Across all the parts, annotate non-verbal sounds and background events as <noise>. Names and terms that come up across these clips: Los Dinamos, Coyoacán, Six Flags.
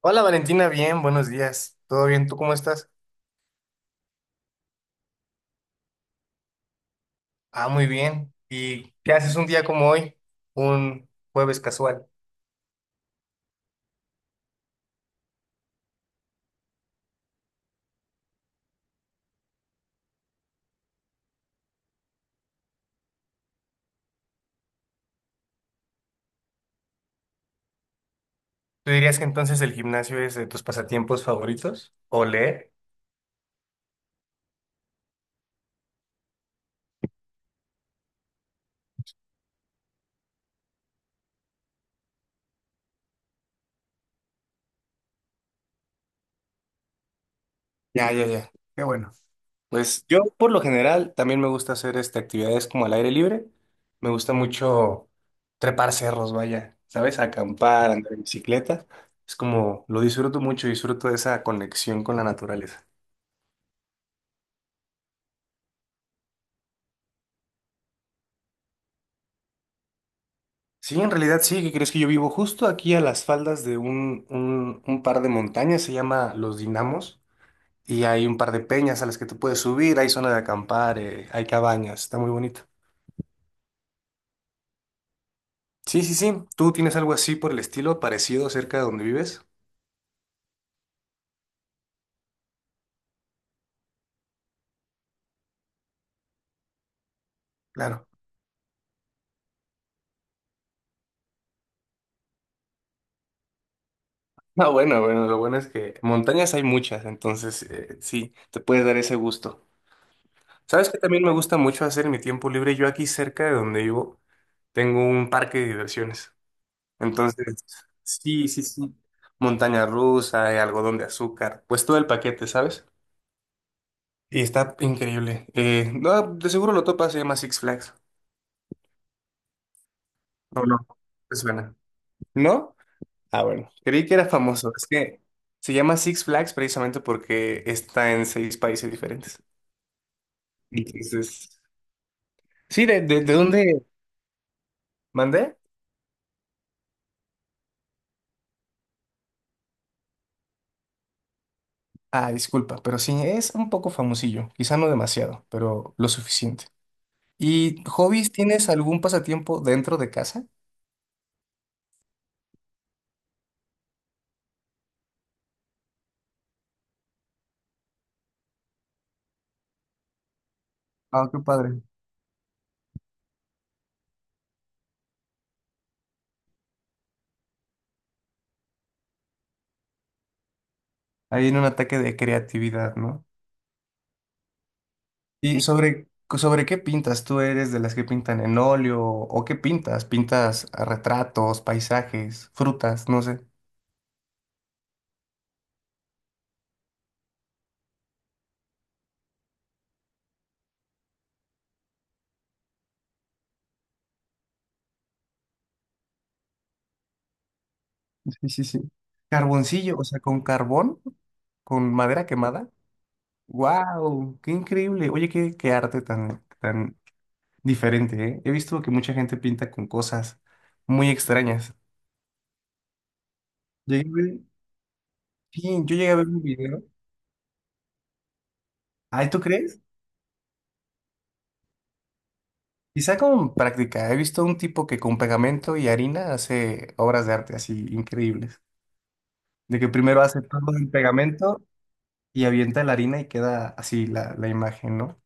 Hola Valentina, bien, buenos días. ¿Todo bien? ¿Tú cómo estás? Ah, muy bien. ¿Y qué haces un día como hoy? Un jueves casual. ¿Tú dirías que entonces el gimnasio es de tus pasatiempos favoritos? ¿O leer? Ya, ya, ya. Qué bueno. Pues yo por lo general también me gusta hacer actividades como al aire libre. Me gusta mucho trepar cerros, vaya, ¿sabes? Acampar, andar en bicicleta. Es como, lo disfruto mucho, disfruto de esa conexión con la naturaleza. Sí, en realidad sí, ¿qué crees? Que yo vivo justo aquí a las faldas de un par de montañas, se llama Los Dinamos, y hay un par de peñas a las que tú puedes subir, hay zona de acampar, hay cabañas, está muy bonito. Sí, sí, sí, ¿tú tienes algo así por el estilo, parecido cerca de donde vives? Claro. No, bueno, bueno, lo bueno es que montañas hay muchas, entonces sí, te puedes dar ese gusto. ¿Sabes qué también me gusta mucho hacer en mi tiempo libre? Yo aquí cerca de donde vivo tengo un parque de diversiones. Entonces, sí, sí, sí. Montaña rusa, algodón de azúcar, pues todo el paquete, ¿sabes? Y está increíble. No, de seguro lo topas, se llama Six Flags. No, no, te suena. ¿No? Ah, bueno. Creí que era famoso. Es que se llama Six Flags precisamente porque está en seis países diferentes. Entonces, sí, ¿de de, de, dónde mandé? Ah, disculpa, pero sí, es un poco famosillo. Quizá no demasiado, pero lo suficiente. ¿Y hobbies? ¿Tienes algún pasatiempo dentro de casa? Ah, qué padre. Ahí en un ataque de creatividad, ¿no? ¿Y sobre qué pintas? ¿Tú eres de las que pintan en óleo? ¿O qué pintas? ¿Pintas a retratos, paisajes, frutas? No sé. Sí, sí, sí. Carboncillo, o sea, con carbón, con madera quemada. ¡Wow! ¡Qué increíble! Oye, qué arte tan, tan diferente, ¿eh? He visto que mucha gente pinta con cosas muy extrañas. Llegué a ver- sí, yo llegué a ver un video. ¿Ay, tú crees? Quizá con práctica. He visto un tipo que con pegamento y harina hace obras de arte así increíbles. De que primero hace todo el pegamento y avienta la harina y queda así la imagen, ¿no?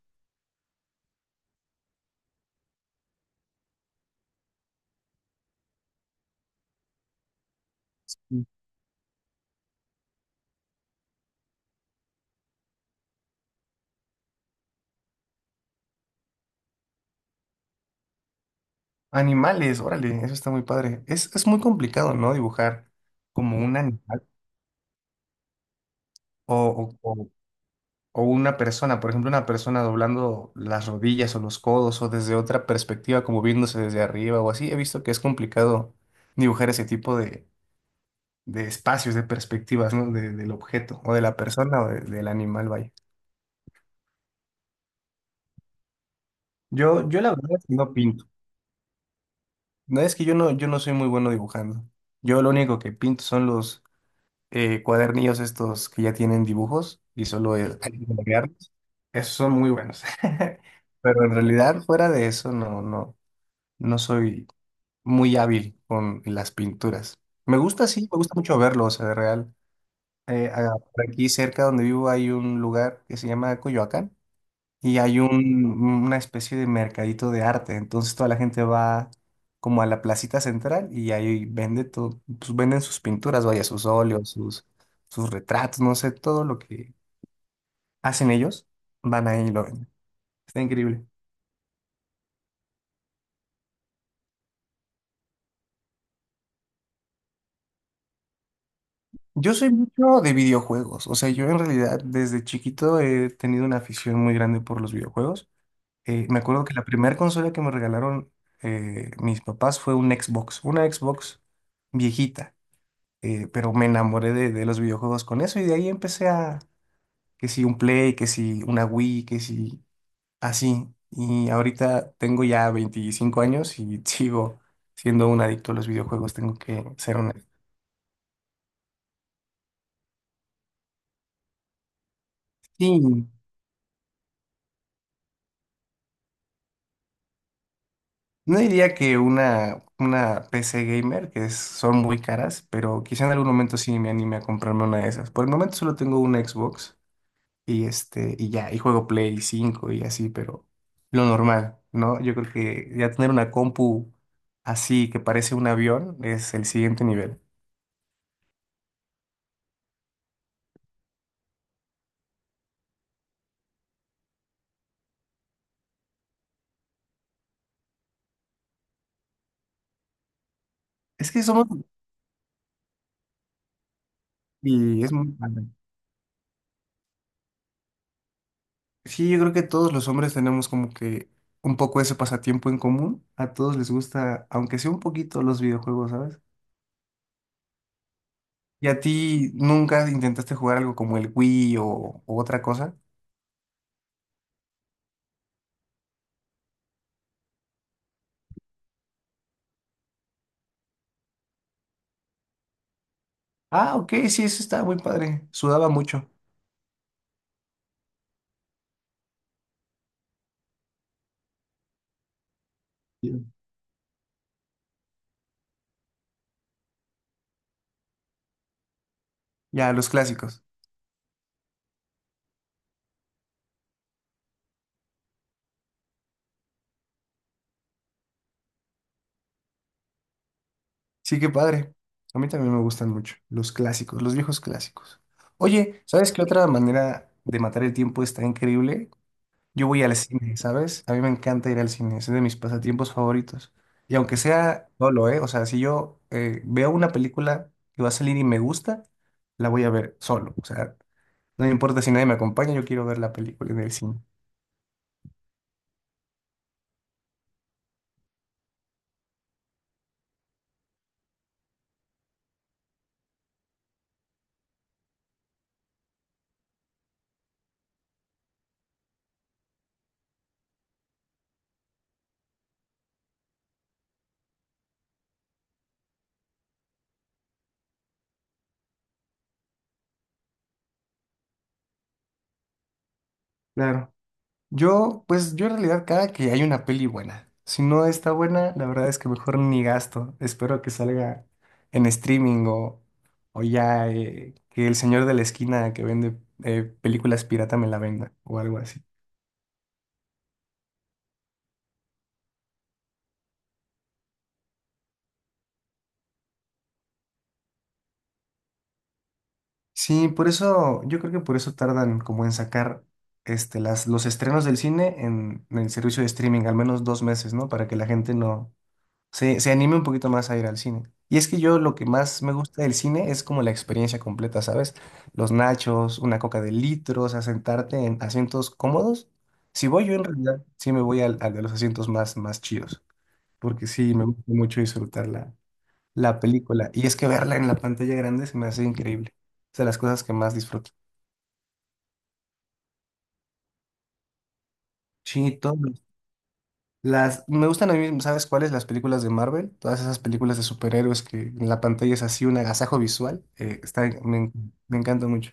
Mm. Animales, órale, eso está muy padre. Es muy complicado, ¿no? Dibujar como un animal o, o- o- o una persona. Por ejemplo, una persona doblando las rodillas o los codos o desde otra perspectiva, como viéndose desde arriba o así. He visto que es complicado dibujar ese tipo de espacios, de perspectivas, ¿no? Del objeto o de la persona o del animal, vaya. Yo la verdad es que no pinto. No es que yo no soy muy bueno dibujando. Yo lo único que pinto son los cuadernillos estos que ya tienen dibujos y solo hay que colorearlos. Esos son muy buenos. <laughs> Pero en realidad, fuera de eso, no, no, no soy muy hábil con las pinturas. Me gusta, sí, me gusta mucho verlo, o sea, de real. Por aquí cerca donde vivo hay un lugar que se llama Coyoacán y hay una especie de mercadito de arte. Entonces toda la gente va como a la placita central y ahí vende todo, pues venden sus pinturas, vaya, sus óleos, sus retratos, no sé, todo lo que hacen ellos, van ahí y lo venden. Está increíble. Yo soy mucho de videojuegos, o sea, yo en realidad desde chiquito he tenido una afición muy grande por los videojuegos. Me acuerdo que la primera consola que me regalaron mis papás fue un Xbox, una Xbox viejita. Pero me enamoré de los videojuegos con eso y de ahí empecé a, que si un Play, que si una Wii, que si así. Y ahorita tengo ya 25 años y <laughs> sigo siendo un adicto a los videojuegos, tengo que ser honesto. Sí, no diría que una PC gamer, que son muy caras, pero quizá en algún momento sí me anime a comprarme una de esas. Por el momento solo tengo una Xbox. Y y ya, y juego Play 5 y así, pero lo normal, ¿no? Yo creo que ya tener una compu así que parece un avión es el siguiente nivel. Es que somos, y es muy, sí, yo creo que todos los hombres tenemos como que un poco ese pasatiempo en común. A todos les gusta, aunque sea un poquito, los videojuegos, ¿sabes? ¿Y a ti nunca intentaste jugar algo como el Wii o otra cosa? Ah, ok, sí, eso estaba muy padre. Sudaba mucho. Sí. Ya, los clásicos. Sí, qué padre. A mí también me gustan mucho los clásicos, los viejos clásicos. Oye, ¿sabes qué otra manera de matar el tiempo está increíble? Yo voy al cine, ¿sabes? A mí me encanta ir al cine, es de mis pasatiempos favoritos. Y aunque sea solo, ¿eh? O sea, si yo veo una película que va a salir y me gusta, la voy a ver solo. O sea, no me importa si nadie me acompaña, yo quiero ver la película en el cine. Claro. Pues yo en realidad cada que hay una peli buena. Si no está buena, la verdad es que mejor ni gasto. Espero que salga en streaming o ya, que el señor de la esquina que vende películas pirata me la venda o algo así. Sí, por eso, yo creo que por eso tardan como en sacar los estrenos del cine en el servicio de streaming, al menos 2 meses, ¿no? Para que la gente no, se anime un poquito más a ir al cine. Y es que yo lo que más me gusta del cine es como la experiencia completa, ¿sabes? Los nachos, una coca de litros, o sea, sentarte en asientos cómodos. Si voy yo en realidad, sí me voy al de los asientos más, más chidos, porque sí me gusta mucho disfrutar la película. Y es que verla en la pantalla grande se me hace increíble. Es de las cosas que más disfruto. Sí, todo. Me gustan a mí, ¿sabes cuáles? Las películas de Marvel, todas esas películas de superhéroes que en la pantalla es así un agasajo visual, me encanta mucho.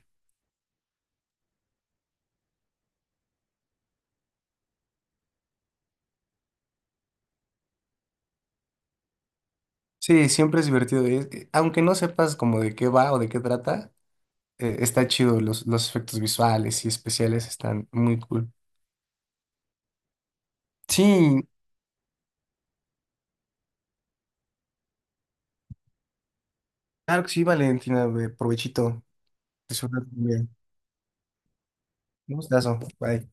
Sí, siempre es divertido, aunque no sepas como de qué va o de qué trata, está chido, los efectos visuales y especiales están muy cool. Sí, claro que sí, Valentina, provechito, disfruta tu día. Un gustazo, bye.